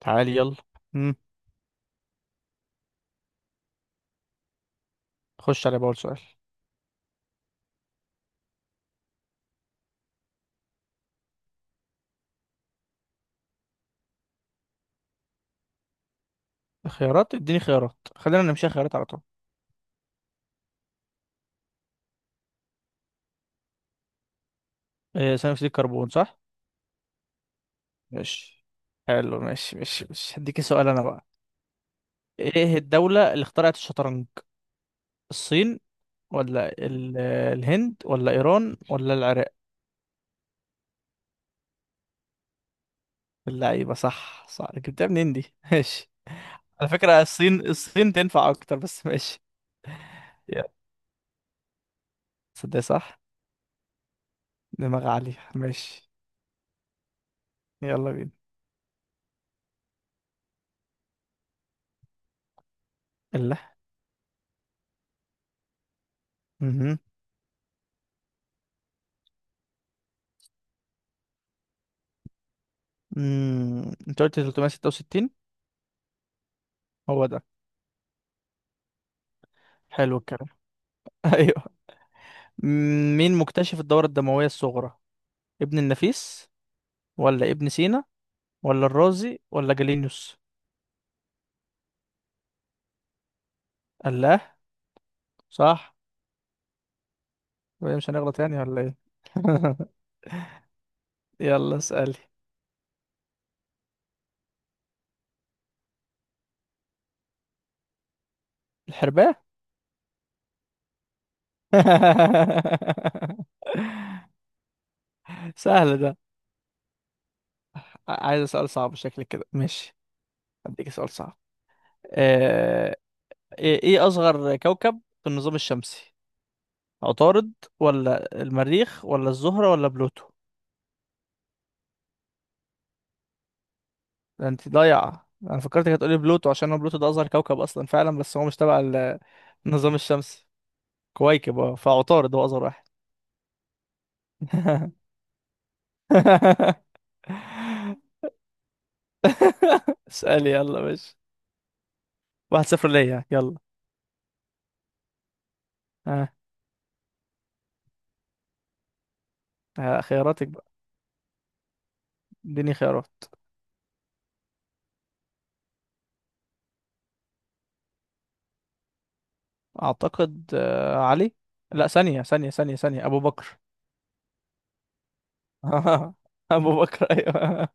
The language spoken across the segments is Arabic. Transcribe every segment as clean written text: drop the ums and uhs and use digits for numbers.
تعالي يلا. مم. خش على بقول سؤال. خيارات، اديني خيارات، خلينا نمشي خيارات على طول. إيه ثاني اكسيد الكربون صح. ماشي. حلو ماشي ماشي ماشي، هديك سؤال انا بقى. ايه الدولة اللي اخترعت الشطرنج؟ الصين، ولا الهند ولا ايران ولا العراق؟ اللعيبة، صح صح، جبتها منين دي؟ ماشي. على فكرة الصين الصين تنفع اكتر، بس ماشي. يا صدق صح، دماغ عالية. ماشي يلا بينا. الله. مهم. مم. انت قلت 366؟ هو ده. حلو الكلام. ايوه. مين مكتشف الدورة الدموية الصغرى؟ ابن النفيس، ولا ابن سينا، ولا الرازي ولا جالينيوس؟ الله صح. وإيه، مش هنغلط يعني ولا ايه؟ يلا اسألي. الحرباء. سهل ده. عايز سؤال صعب شكلك كده، ماشي اديك سؤال صعب. آه، إيه اصغر كوكب في النظام الشمسي؟ عطارد، ولا المريخ ولا الزهرة ولا بلوتو؟ ده انت ضايعة، انا فكرتك هتقولي بلوتو عشان هو بلوتو ده اصغر كوكب اصلا فعلا، بس هو مش تبع النظام الشمسي. كويكب اه، فعطارد هو اصغر واحد. اسألي يلا. ماشي، واحد صفر ليا يلا. ها. ها، خياراتك بقى؟ اديني خيارات. اعتقد علي. لا، ثانية ثانية ثانية ثانية، ابو بكر. ابو بكر ايوه.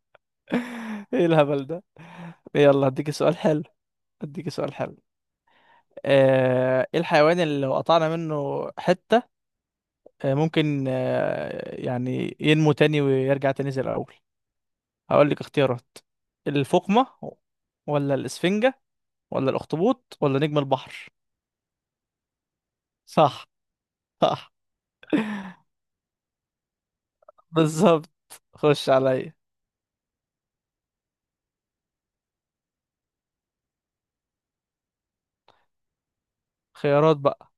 ايه الهبل ده. يلا هديك سؤال حلو. هديك سؤال حلو. ايه الحيوان اللي لو قطعنا منه حتة ممكن يعني ينمو تاني ويرجع تاني زي الأول؟ هقول لك اختيارات. الفقمة، ولا الإسفنجة ولا الأخطبوط ولا نجم البحر؟ صح. صح بالظبط. خش عليا. خيارات بقى.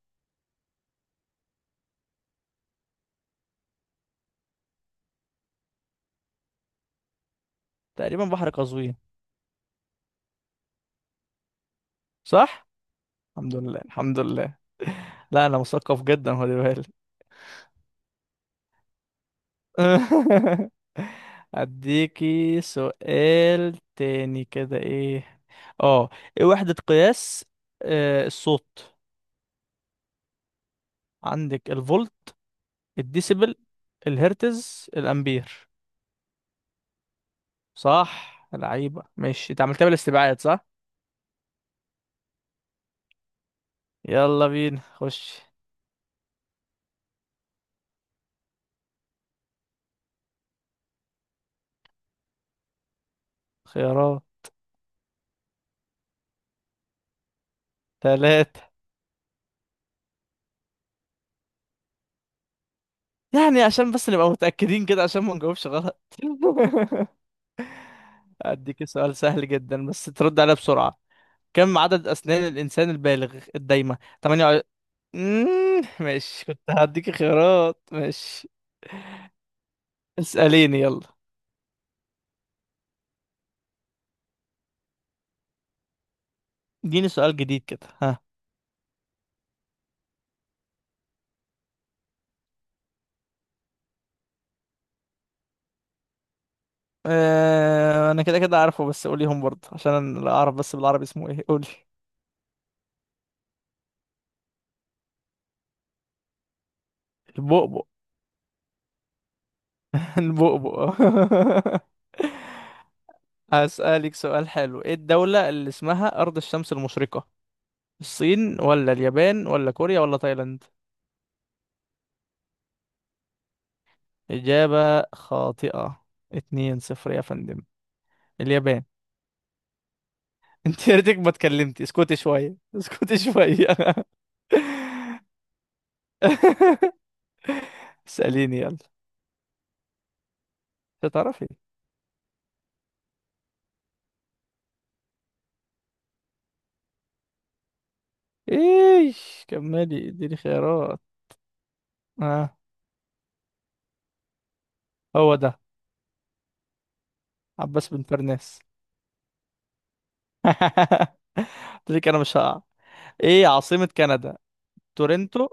تقريبا بحر قزوين. صح. الحمد لله الحمد لله. لا، أنا مثقف جدا، خلي بالك. اديكي سؤال تاني كده. ايه اه، ايه وحدة قياس آه الصوت؟ عندك الفولت، الديسيبل، الهرتز، الامبير. صح لعيبة، ماشي، انت عملتها بالاستبعاد صح. يلا بينا خش. خيارات. ثلاثة. يعني عشان بس نبقى متأكدين كده، عشان ما نجاوبش غلط. اديك سؤال سهل جدا، بس ترد عليها بسرعة. كم عدد أسنان الإنسان البالغ الدايمة؟ مم، ماشي، كنت هديك خيارات ماشي. اسأليني يلا. اديني سؤال جديد كده، ها. اه انا كده كده عارفه، بس قوليهم برضه عشان انا لا اعرف، بس بالعربي اسمه ايه، قولي. البؤبؤ. البؤبؤ. هسألك سؤال حلو. ايه الدولة اللي اسمها أرض الشمس المشرقة؟ الصين، ولا اليابان ولا كوريا ولا تايلاند؟ إجابة خاطئة. اتنين صفر يا فندم. اليابان. انت يا ريتك ما اتكلمتي، اسكتي شوية، اسكتي شوية. اسأليني يلا. مش هتعرفي. ايش كملي. اديني خيارات. ها. هو ده. عباس بن فرناس. قلت لك انا مش هقع. ايه عاصمة كندا؟ تورنتو،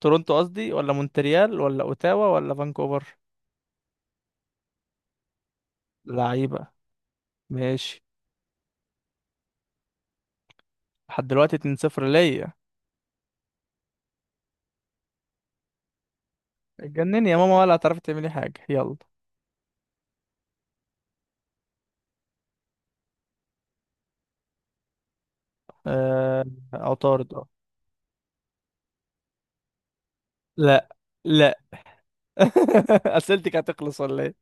تورنتو قصدي، ولا مونتريال ولا اوتاوا ولا فانكوفر؟ لعيبة. ماشي. لحد دلوقتي 2-0 ليا. اتجنني يا ماما، ولا هتعرفي تعملي حاجة، يلا. آه... عطارد اه. لا لا. اسئلتك هتخلص ولا ايه؟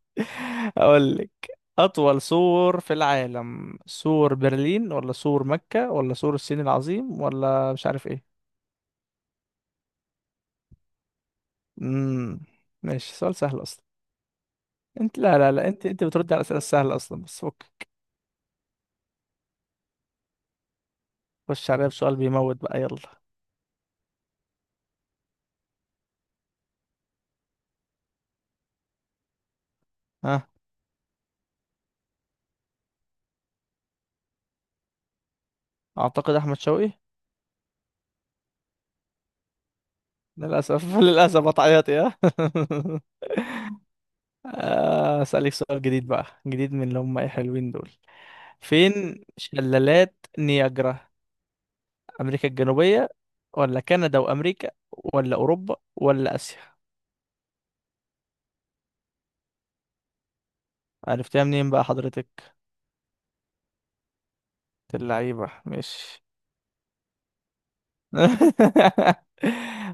اقول لك. اطول سور في العالم؟ سور برلين، ولا سور مكة ولا سور الصين العظيم، ولا مش عارف ايه؟ امم ماشي، سؤال سهل اصلا. انت لا لا لا، انت انت بترد على الاسئله السهله اصلا، بس فك. خش عليا بسؤال بيموت بقى يلا. ها. اعتقد احمد شوقي. للاسف. للاسف هتعيطي ها. اسالك سؤال جديد بقى، جديد من اللي هم ايه حلوين دول. فين شلالات نياجرا؟ امريكا الجنوبية، ولا كندا وامريكا، ولا اوروبا ولا اسيا؟ عرفتها منين بقى حضرتك؟ اللعيبة مش.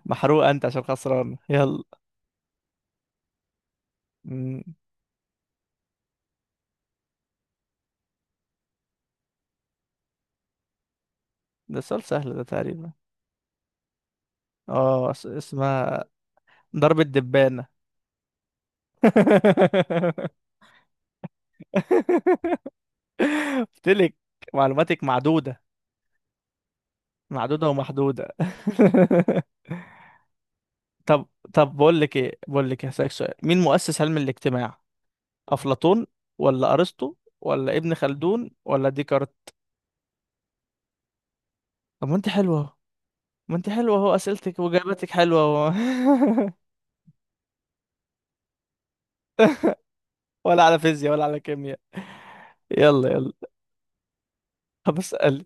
محروق انت عشان خسران، يلا. مم. ده سؤال سهل ده تقريبا. اه اسمها ضرب الدبانة. قلتلك معلوماتك معدودة، معدودة ومحدودة. طب. طب بقول لك إيه، هسألك سؤال. مين مؤسس علم الاجتماع؟ افلاطون، ولا ارسطو، ولا ابن خلدون ولا ديكارت؟ طب ما انت حلوه اهو، ما انت حلوه اهو، اسئلتك واجاباتك حلوه اهو. ولا على فيزياء ولا على كيمياء. يلا يلا. طب اسال.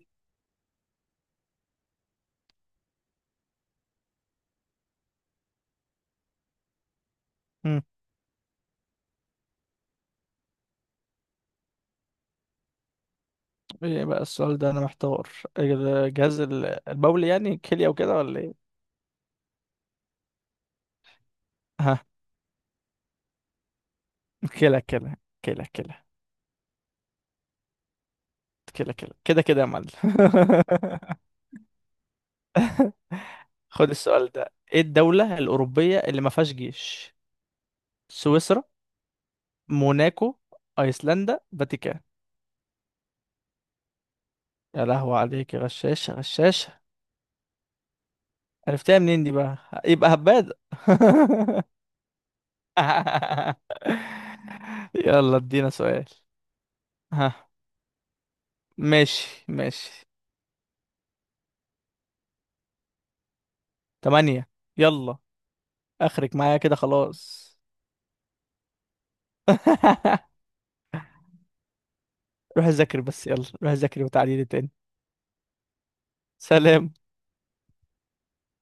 مم. ايه بقى السؤال ده، انا محتار. إيه ده، جهاز البول، يعني كليه وكده، ولا ايه؟ ها. كلى كلى، كلى كلى، كلى كلى كده كده يا معلم. خد السؤال ده. ايه الدوله الاوروبيه اللي ما فيهاش جيش؟ سويسرا، موناكو، ايسلندا، فاتيكان. يا لهوي عليك يا غشاشة، غشاشة. عرفتها منين دي بقى؟ يبقى هبادة. يلا ادينا سؤال. ها. ماشي ماشي. تمانية. يلا، اخرك معايا كده خلاص. روح ذاكر، بس يلا روح ذاكر وتعالي لي تاني. سلام.